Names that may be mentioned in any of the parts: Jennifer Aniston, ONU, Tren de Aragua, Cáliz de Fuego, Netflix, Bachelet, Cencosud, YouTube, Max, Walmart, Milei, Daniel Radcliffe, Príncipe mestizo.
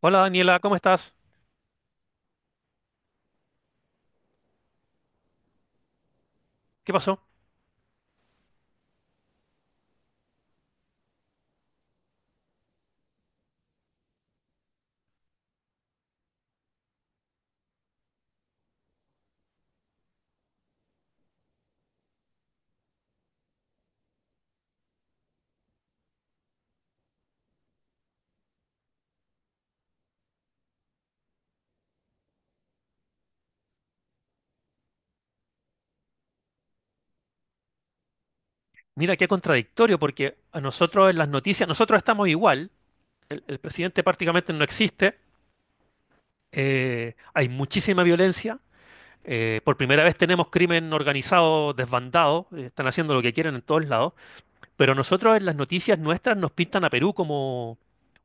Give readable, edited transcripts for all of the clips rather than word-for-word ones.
Hola Daniela, ¿cómo estás? ¿Qué pasó? Mira, qué contradictorio, porque a nosotros en las noticias, nosotros estamos igual, el presidente prácticamente no existe. Hay muchísima violencia. Por primera vez tenemos crimen organizado desbandado. Están haciendo lo que quieren en todos lados, pero nosotros en las noticias nuestras nos pintan a Perú como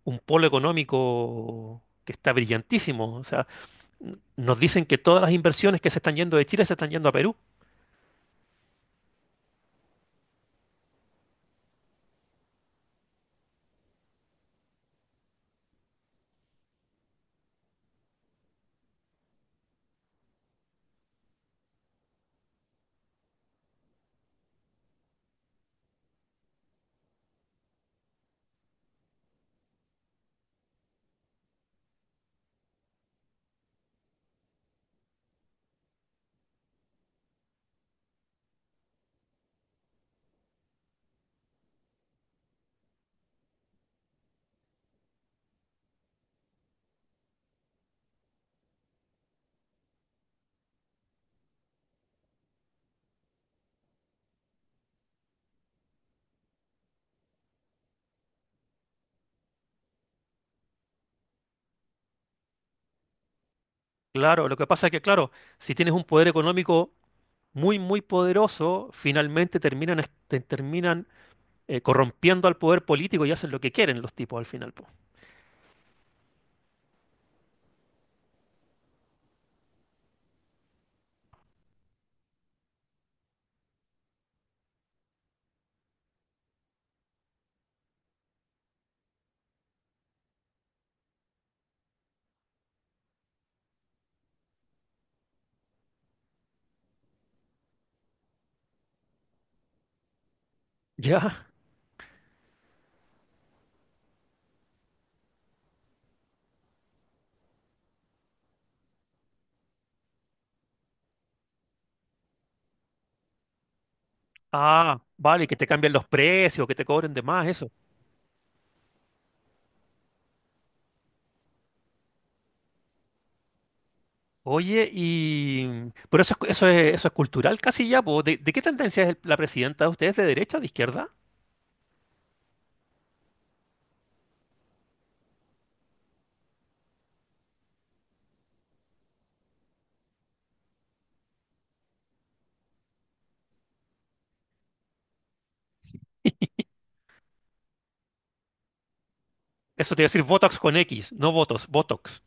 un polo económico que está brillantísimo, o sea, nos dicen que todas las inversiones que se están yendo de Chile se están yendo a Perú. Claro, lo que pasa es que, claro, si tienes un poder económico muy, muy poderoso, finalmente terminan corrompiendo al poder político y hacen lo que quieren los tipos al final, po. ¿Ya? Ah, vale, que te cambien los precios, que te cobren de más, eso. Oye, y... Pero eso es cultural casi ya, po. ¿De qué tendencia es la presidenta de ustedes? ¿De derecha o de izquierda? Eso te iba a decir Botox con X, no votos, Botox.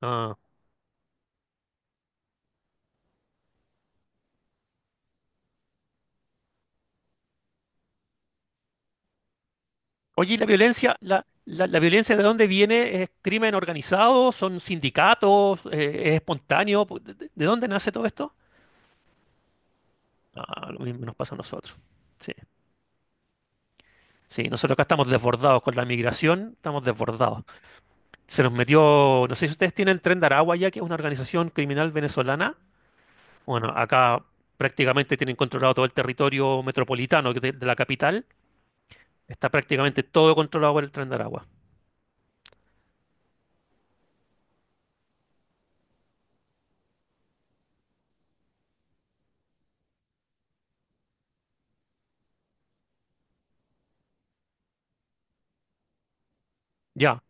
Ah. Oye, ¿y la violencia de dónde viene? ¿Es crimen organizado? ¿Son sindicatos? ¿Es espontáneo? ¿De dónde nace todo esto? Ah, lo mismo nos pasa a nosotros. Sí. Sí, nosotros acá estamos desbordados con la migración, estamos desbordados. Se nos metió, no sé si ustedes tienen Tren de Aragua ya, que es una organización criminal venezolana. Bueno, acá prácticamente tienen controlado todo el territorio metropolitano de la capital. Está prácticamente todo controlado por el Tren de Aragua. Ya,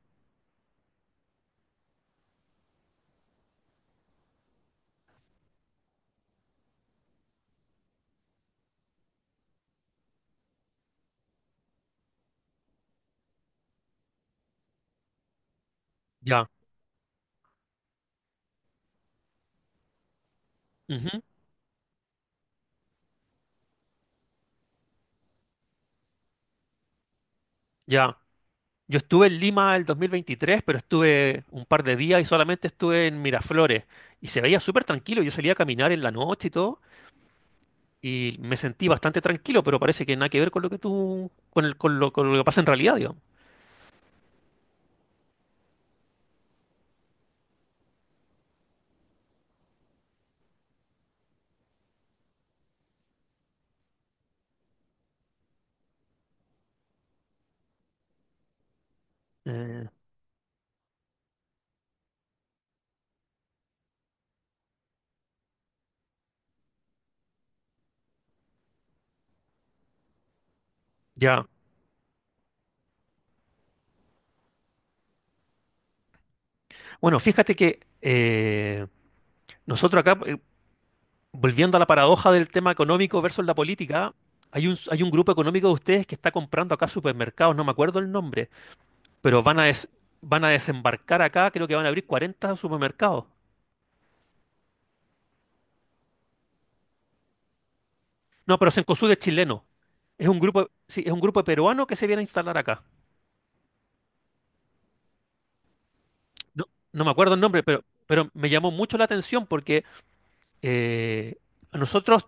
ya, ujú, ya. Yo estuve en Lima el 2023, pero estuve un par de días y solamente estuve en Miraflores. Y se veía súper tranquilo. Yo salía a caminar en la noche y todo. Y me sentí bastante tranquilo, pero parece que nada que ver con lo que tú, con el, con lo que pasa en realidad, digamos. Eh, ya. Bueno, fíjate que nosotros acá, volviendo a la paradoja del tema económico versus la política, hay un grupo económico de ustedes que está comprando acá supermercados, no me acuerdo el nombre, pero van a desembarcar acá, creo que van a abrir 40 supermercados. No, pero Cencosud es chileno. Es un grupo, sí, es un grupo peruano que se viene a instalar acá. No, no me acuerdo el nombre, pero me llamó mucho la atención porque eh, nosotros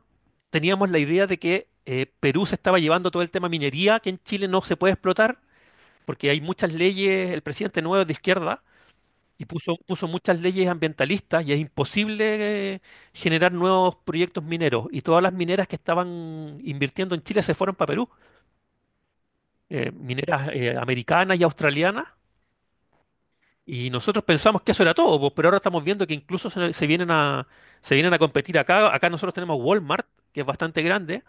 teníamos la idea de que Perú se estaba llevando todo el tema minería, que en Chile no se puede explotar, porque hay muchas leyes, el presidente nuevo es de izquierda, y puso muchas leyes ambientalistas, y es imposible generar nuevos proyectos mineros. Y todas las mineras que estaban invirtiendo en Chile se fueron para Perú, mineras americanas y australianas. Y nosotros pensamos que eso era todo, pues, pero ahora estamos viendo que incluso se vienen a competir acá. Acá nosotros tenemos Walmart, que es bastante grande,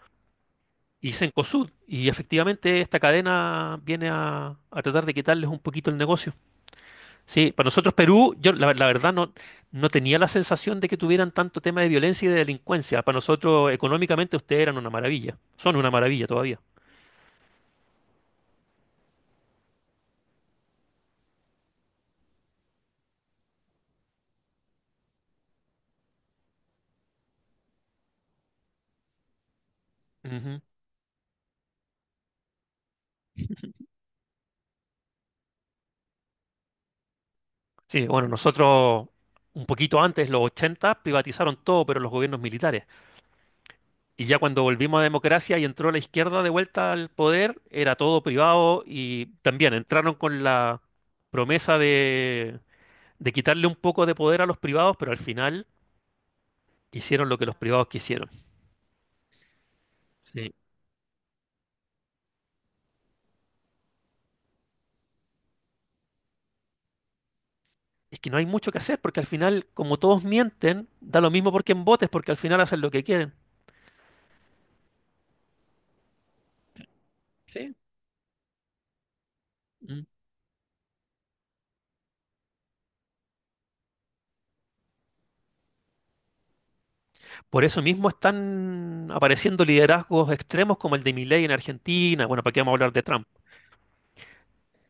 y Cencosud. Y efectivamente esta cadena viene a tratar de quitarles un poquito el negocio. Sí, para nosotros Perú, yo la verdad no tenía la sensación de que tuvieran tanto tema de violencia y de delincuencia. Para nosotros económicamente ustedes eran una maravilla. Son una maravilla todavía. Ujú. Sí, bueno, nosotros un poquito antes, los 80 privatizaron todo, pero los gobiernos militares. Y ya cuando volvimos a democracia y entró la izquierda de vuelta al poder, era todo privado y también entraron con la promesa de quitarle un poco de poder a los privados, pero al final hicieron lo que los privados quisieron. Sí. Es que no hay mucho que hacer, porque al final, como todos mienten, da lo mismo por quién votes, porque al final hacen lo que quieren. Sí. Mm. Por eso mismo están apareciendo liderazgos extremos como el de Milei en Argentina. Bueno, ¿para qué vamos a hablar de Trump?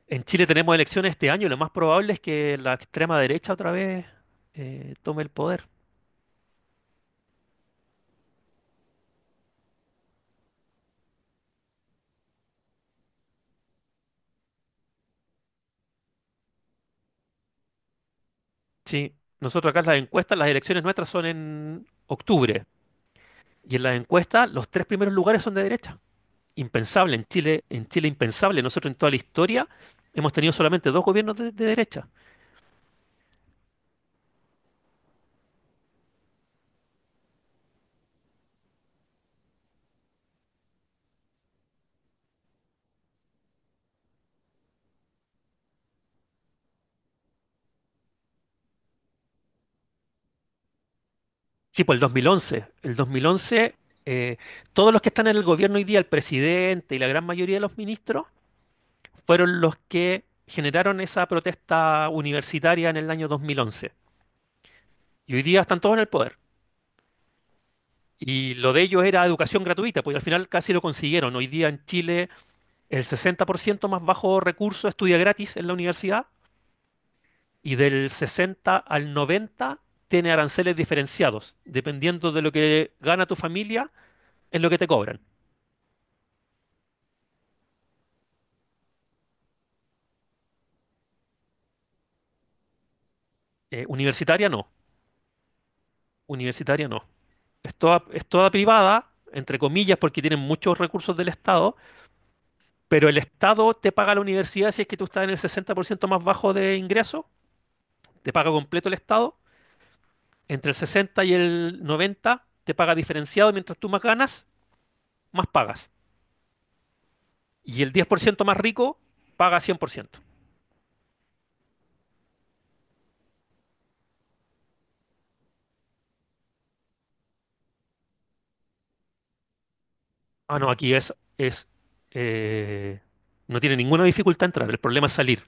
En Chile tenemos elecciones este año y lo más probable es que la extrema derecha otra vez tome el poder. Sí, nosotros acá en las encuestas, las elecciones nuestras son en octubre. Y en las encuestas, los tres primeros lugares son de derecha. Impensable en Chile impensable. Nosotros en toda la historia hemos tenido solamente dos gobiernos de derecha. Sí, pues el 2011. El 2011, eh, todos los que están en el gobierno hoy día, el presidente y la gran mayoría de los ministros, fueron los que generaron esa protesta universitaria en el año 2011. Y hoy día están todos en el poder. Y lo de ellos era educación gratuita, pues al final casi lo consiguieron. Hoy día en Chile el 60% más bajo recurso estudia gratis en la universidad, y del 60 al 90 tiene aranceles diferenciados. Dependiendo de lo que gana tu familia, es lo que te cobran. Universitaria no, universitaria no. Es toda privada, entre comillas, porque tienen muchos recursos del Estado, pero el Estado te paga la universidad si es que tú estás en el 60% más bajo de ingreso, te paga completo el Estado. Entre el 60 y el 90 te paga diferenciado: mientras tú más ganas, más pagas. Y el 10% más rico paga 100%. Ah, no, aquí es eh, no tiene ninguna dificultad entrar, el problema es salir.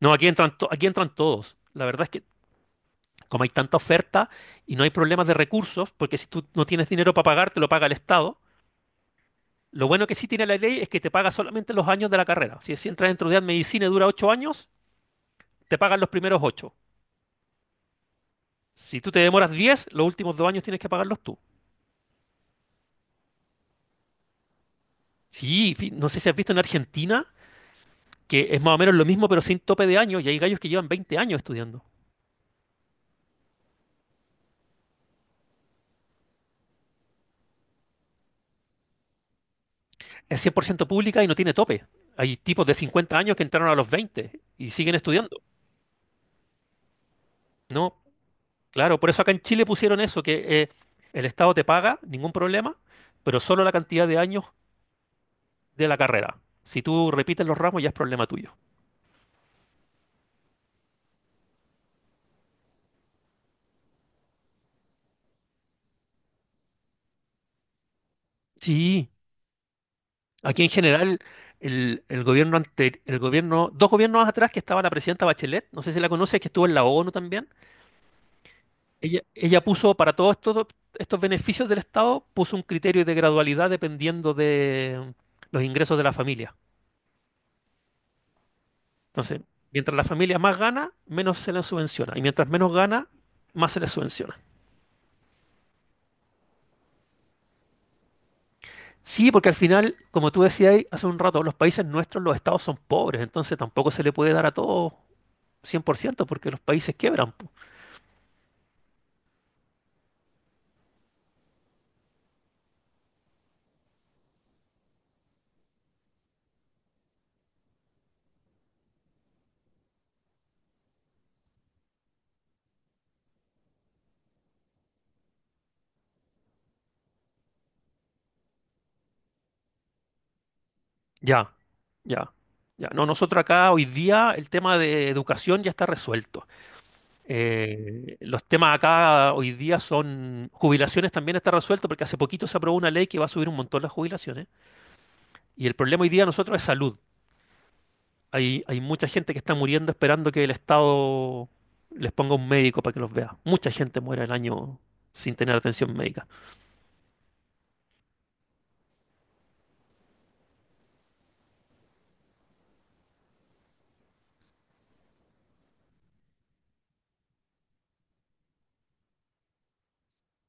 No, aquí entran, aquí entran todos. La verdad es que como hay tanta oferta y no hay problemas de recursos, porque si tú no tienes dinero para pagar, te lo paga el Estado. Lo bueno que sí tiene la ley es que te paga solamente los años de la carrera. Si entras dentro de medicina y dura 8 años, te pagan los primeros ocho. Si tú te demoras 10, los últimos dos años tienes que pagarlos tú. Sí, no sé si has visto en Argentina, que es más o menos lo mismo, pero sin tope de años, y hay gallos que llevan 20 años estudiando. Es 100% pública y no tiene tope. Hay tipos de 50 años que entraron a los 20 y siguen estudiando. No, claro, por eso acá en Chile pusieron eso, que el Estado te paga, ningún problema, pero solo la cantidad de años de la carrera. Si tú repites los ramos ya es problema tuyo. Sí, aquí en general el gobierno, dos gobiernos atrás que estaba la presidenta Bachelet, no sé si la conoces, que estuvo en la ONU también. Ella puso para estos beneficios del Estado, puso un criterio de gradualidad dependiendo de los ingresos de la familia. Entonces, mientras la familia más gana, menos se le subvenciona. Y mientras menos gana, más se le subvenciona. Sí, porque al final, como tú decías ahí hace un rato, los países nuestros, los estados son pobres, entonces tampoco se le puede dar a todos 100% porque los países quiebran. Po. Ya, ya, ya. No, nosotros acá hoy día el tema de educación ya está resuelto. Los temas acá hoy día son jubilaciones, también está resuelto porque hace poquito se aprobó una ley que va a subir un montón las jubilaciones, y el problema hoy día de nosotros es salud. Hay mucha gente que está muriendo esperando que el Estado les ponga un médico para que los vea. Mucha gente muere al año sin tener atención médica.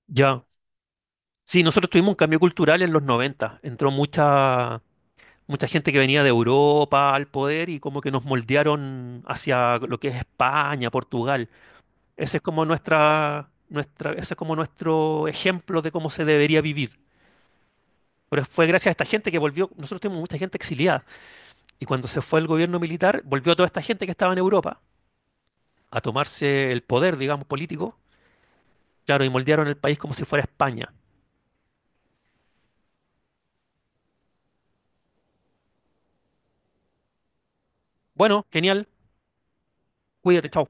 Ya. Sí, nosotros tuvimos un cambio cultural en los noventa. Entró mucha gente que venía de Europa al poder y como que nos moldearon hacia lo que es España, Portugal. Ese es como nuestro ejemplo de cómo se debería vivir. Pero fue gracias a esta gente que volvió. Nosotros tuvimos mucha gente exiliada. Y cuando se fue el gobierno militar, volvió toda esta gente que estaba en Europa a tomarse el poder, digamos, político. Claro, y moldearon el país como si fuera España. Bueno, genial. Cuídate, chao.